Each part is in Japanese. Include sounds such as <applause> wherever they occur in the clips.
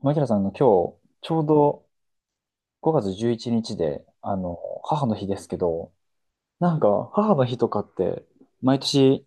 マキラさん、今日、ちょうど5月11日で、母の日ですけど、母の日とかって、毎年、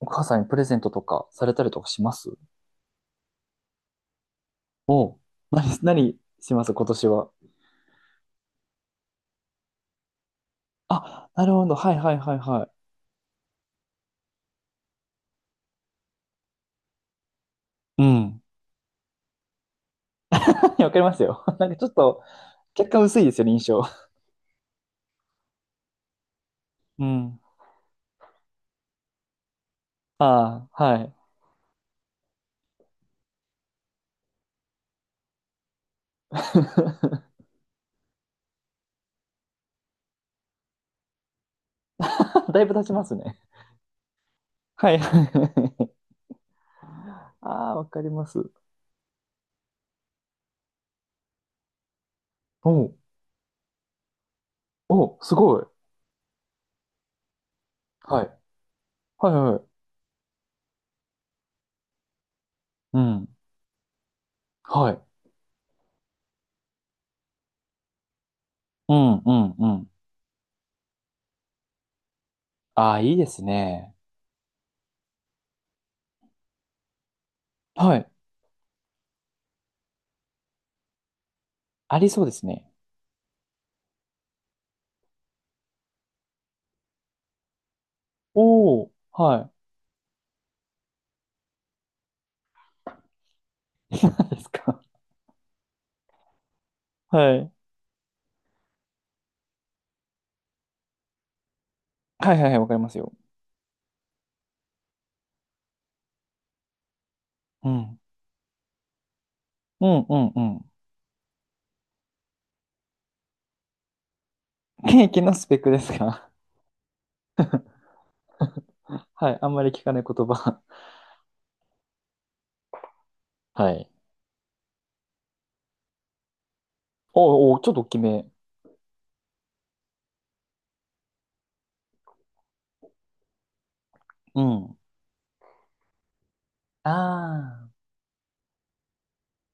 お母さんにプレゼントとかされたりとかします？おう。何します今年は？あ、なるほど。はいはいはいはい。うん。<laughs> わかりますよ。<laughs> ちょっと、血管薄いですよね、印象。うん。ああ、はい。<laughs> だいぶ経ちますね。はいはいはい。<laughs> ああ、わかります。おう、おう、すごい。はい。はいはい。うん。はい。うんうんうん。ああ、いいですね。はい。ありそうですね。おお、はい。<laughs> 何ですか？はい。はいはいはい、わかりますよ。うん。うんうんうん。<laughs> ケーキのスペックですか？<laughs> はい。あんまり聞かない言葉。はい。おーおー、ちょっと大きめ。うん。あ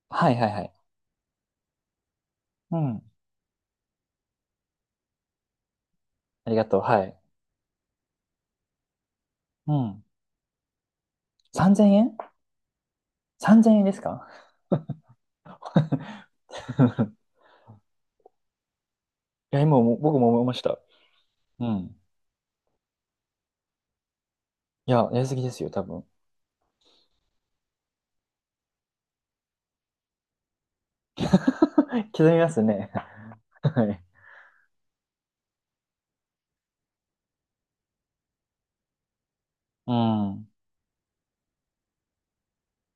あ、はいはいはい。うん。ありがとう。はい。うん。3000円？ 3000 円ですか？ <laughs> いや、今も僕も思いました。うん。いや、やりすぎですよ、多分。<laughs> 刻みますね。<laughs> はい。うん。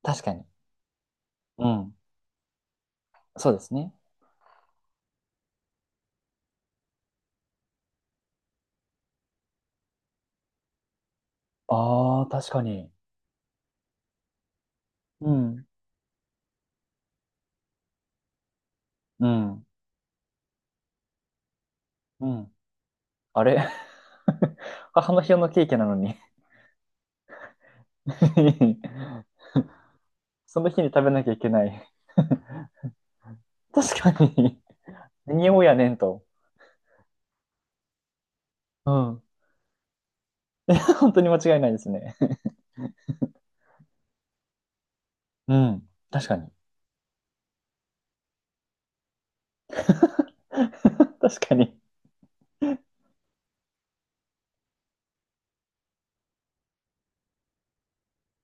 確かに。うん。そうですね。ああ、確かに。うん。うん。うん。あれ？ <laughs> 母の日用のケーキなのに <laughs> その日に食べなきゃいけない？ <laughs> 確かに。<laughs> 何をやねんと。うん。<laughs> 本当に間違いないですね。うん。確かに。<laughs> 確かに。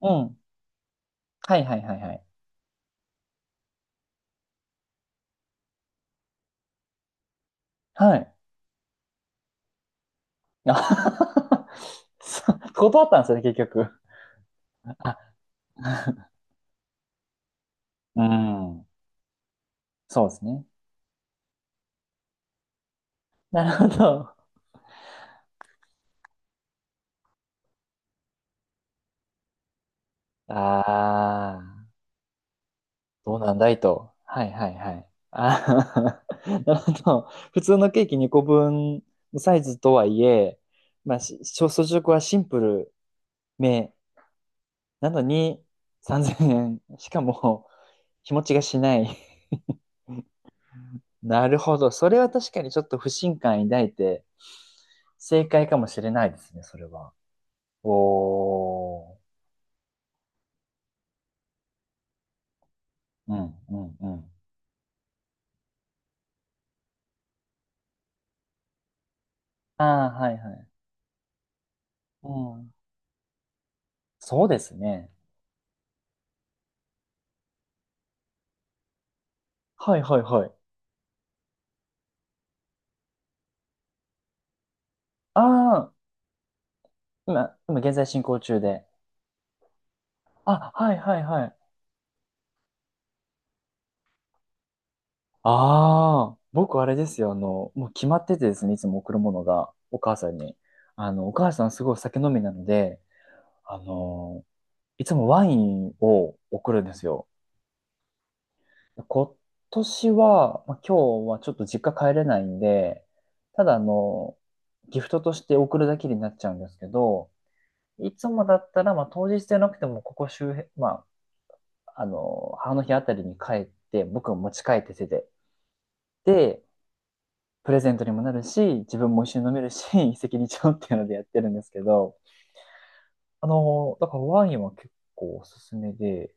うん。はいはいはいはい。はい。あ。 <laughs> そう断ったんですよね、結局。あ、うん。そうですね。なるほど。ああ、どうなんだいと。はいはいはい。ああ、<laughs> なるほど。普通のケーキ2個分のサイズとはいえ、まあ、小装飾はシンプルめなのに3000円。しかも、日持ちがしない。<laughs> なるほど。それは確かにちょっと不信感抱いて、正解かもしれないですね、それは。おー。うん、うん、うん。ああ、はいはい。うん。そうですね。はいはいはい。ああ、今現在進行中で。あ、はいはいはい。ああ、僕あれですよ。もう決まっててですね、いつも贈るものが、お母さんに。お母さんすごい酒飲みなので、あの、いつもワインを贈るんですよ。今年は、まあ、今日はちょっと実家帰れないんで、ただギフトとして贈るだけになっちゃうんですけど、いつもだったら、まあ、当日じゃなくても、ここ周辺、まあ、母の日あたりに帰って、僕を持ち帰って手ててで、プレゼントにもなるし、自分も一緒に飲めるし、<laughs> 一石二鳥っていうのでやってるんですけど、だからワインは結構おすすめで、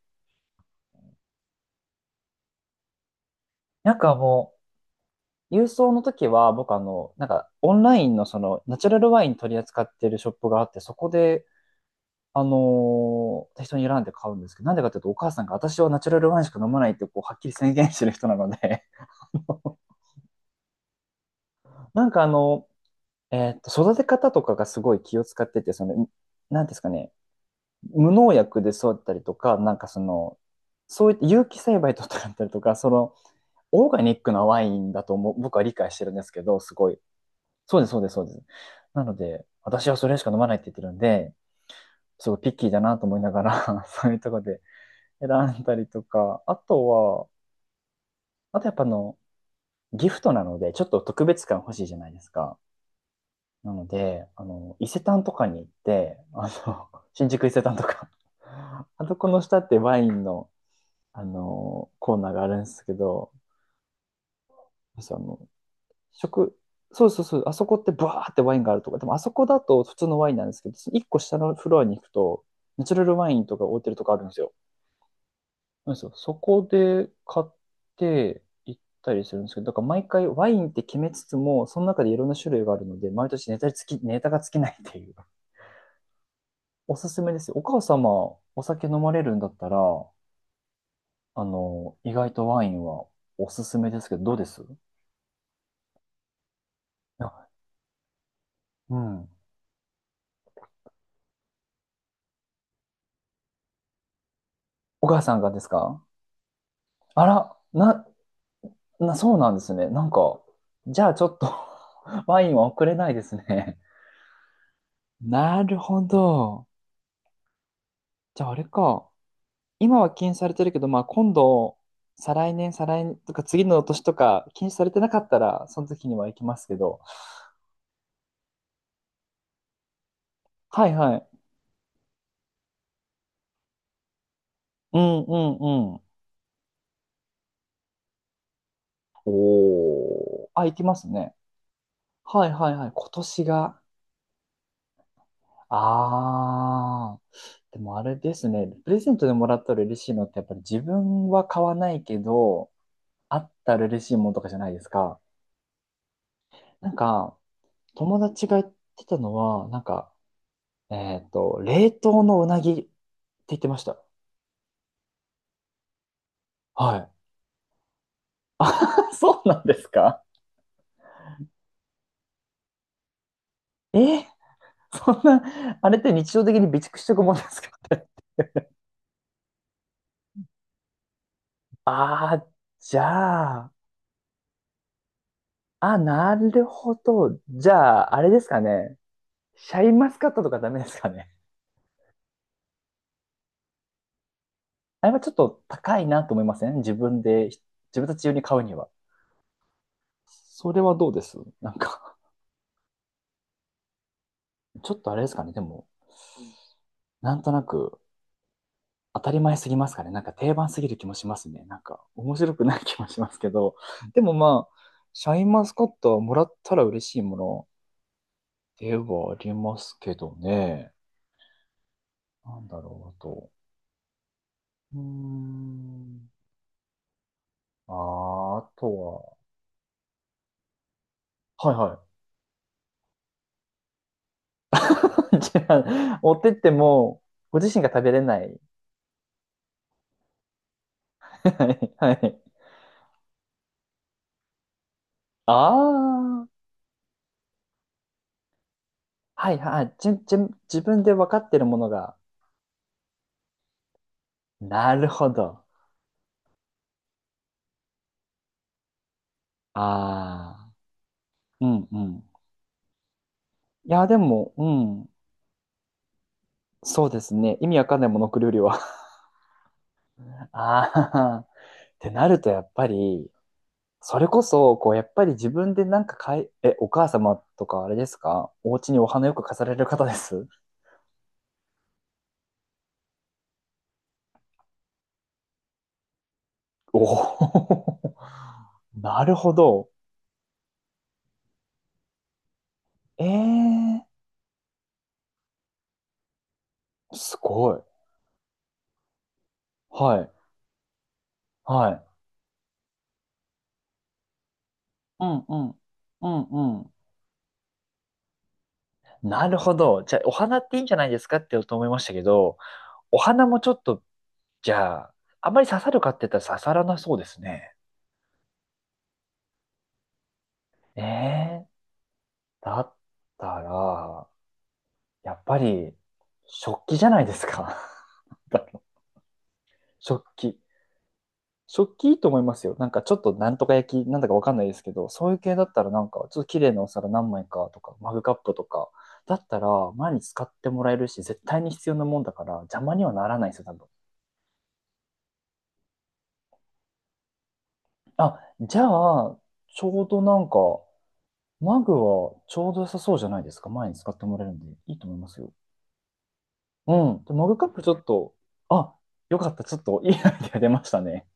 もう、郵送の時は僕オンラインのナチュラルワイン取り扱ってるショップがあって、そこで、適当に選んで買うんですけど、なんでかっていうと、お母さんが、私はナチュラルワインしか飲まないって、こう、はっきり宣言してる人なので。 <laughs>、なんかあの、育て方とかがすごい気を使ってて、なんですかね、無農薬で育ったりとか、そういった有機栽培とかだったりとか、オーガニックなワインだと思う、僕は理解してるんですけど、すごい。そうです、そうです、そうです。なので、私はそれしか飲まないって言ってるんで、すごいピッキーだなと思いながら <laughs> そういうところで選んだりとか、あとは、あとやっぱギフトなので、ちょっと特別感欲しいじゃないですか。なので、伊勢丹とかに行って、<laughs> 新宿伊勢丹とか、<laughs> あそこの下ってワインの、コーナーがあるんですけど、私食、そうそうそう、あそこってブワーってワインがあるとか、でもあそこだと普通のワインなんですけど、一個下のフロアに行くと、ナチュラルワインとか置いてるとこあるんですよ。なんですよ。そこで買って行ったりするんですけど、だから毎回ワインって決めつつも、その中でいろんな種類があるので、毎年ネタが尽きないっていう。おすすめですよ。お母様、お酒飲まれるんだったら、意外とワインはおすすめですけど、どうです？あ、うん。お母さんがですか？あら、そうなんですね。じゃあちょっと <laughs> ワインは送れないですね。なるほど。じゃああれか。今は禁止されてるけど、まあ今度、再来年とか次の年とか禁止されてなかったら、その時には行きますけど。はいはい。うんうんうん。おー。あ、行きますね。はいはいはい。今年が。ああ。でもあれですね。プレゼントでもらったら嬉しいのって、やっぱり自分は買わないけど、あったら嬉しいものとかじゃないですか。なんか、友達が言ってたのは、冷凍のうなぎって言ってました。はい。<laughs> そうなんですか？え、そんな、あれって日常的に備蓄しとくもんですか？ <laughs> ああ、じゃあ、あ、なるほど。じゃあ、あれですかね。シャインマスカットとかダメですかね？<laughs> あれはちょっと高いなと思いません？自分で、自分たち用に買うには。それはどうです？ちょっとあれですかね。でも、なんとなく当たり前すぎますかね？定番すぎる気もしますね。面白くない気もしますけど。でもまあ、シャインマスカットはもらったら嬉しいものではありますけどね。なんだろう、あと。うーん。あー、あとは、はいはい。<laughs> じゃあ、持ってっても、ご自身が食べれない。<laughs> はいはい。ああ、はいはい。じゅ、じゅ、自分で分かってるものが、なるほど。ああ、うんうん。いや、でも、うん、そうですね。意味わかんないモノクロよりは。<laughs> ああ、ってなると、やっぱり、それこそ、こう、やっぱり自分で買い、え、お母様とかあれですか？お家にお花よく飾られる方です？おおー、なるほど。ええー、すごい。はい、はい。うんうん。うんうん。なるほど。じゃあ、お花っていいんじゃないですかって言おうと思いましたけど、お花もちょっと、じゃあ、あんまり刺さるかって言ったら刺さらなそうですね。ええー、だったら、やっぱり、食器じゃないですか。<laughs> 食器。食器いいと思いますよ。ちょっとなんとか焼き、なんだかわかんないですけど、そういう系だったらちょっと綺麗なお皿何枚かとか、マグカップとか、だったら前に使ってもらえるし、絶対に必要なもんだから邪魔にはならないですよ、多分。あ、じゃあ、ちょうどマグはちょうど良さそうじゃないですか。前に使ってもらえるんで、いいと思いますよ。うん。でマグカップちょっと、あ、よかった。ちょっといいアイデア出ましたね。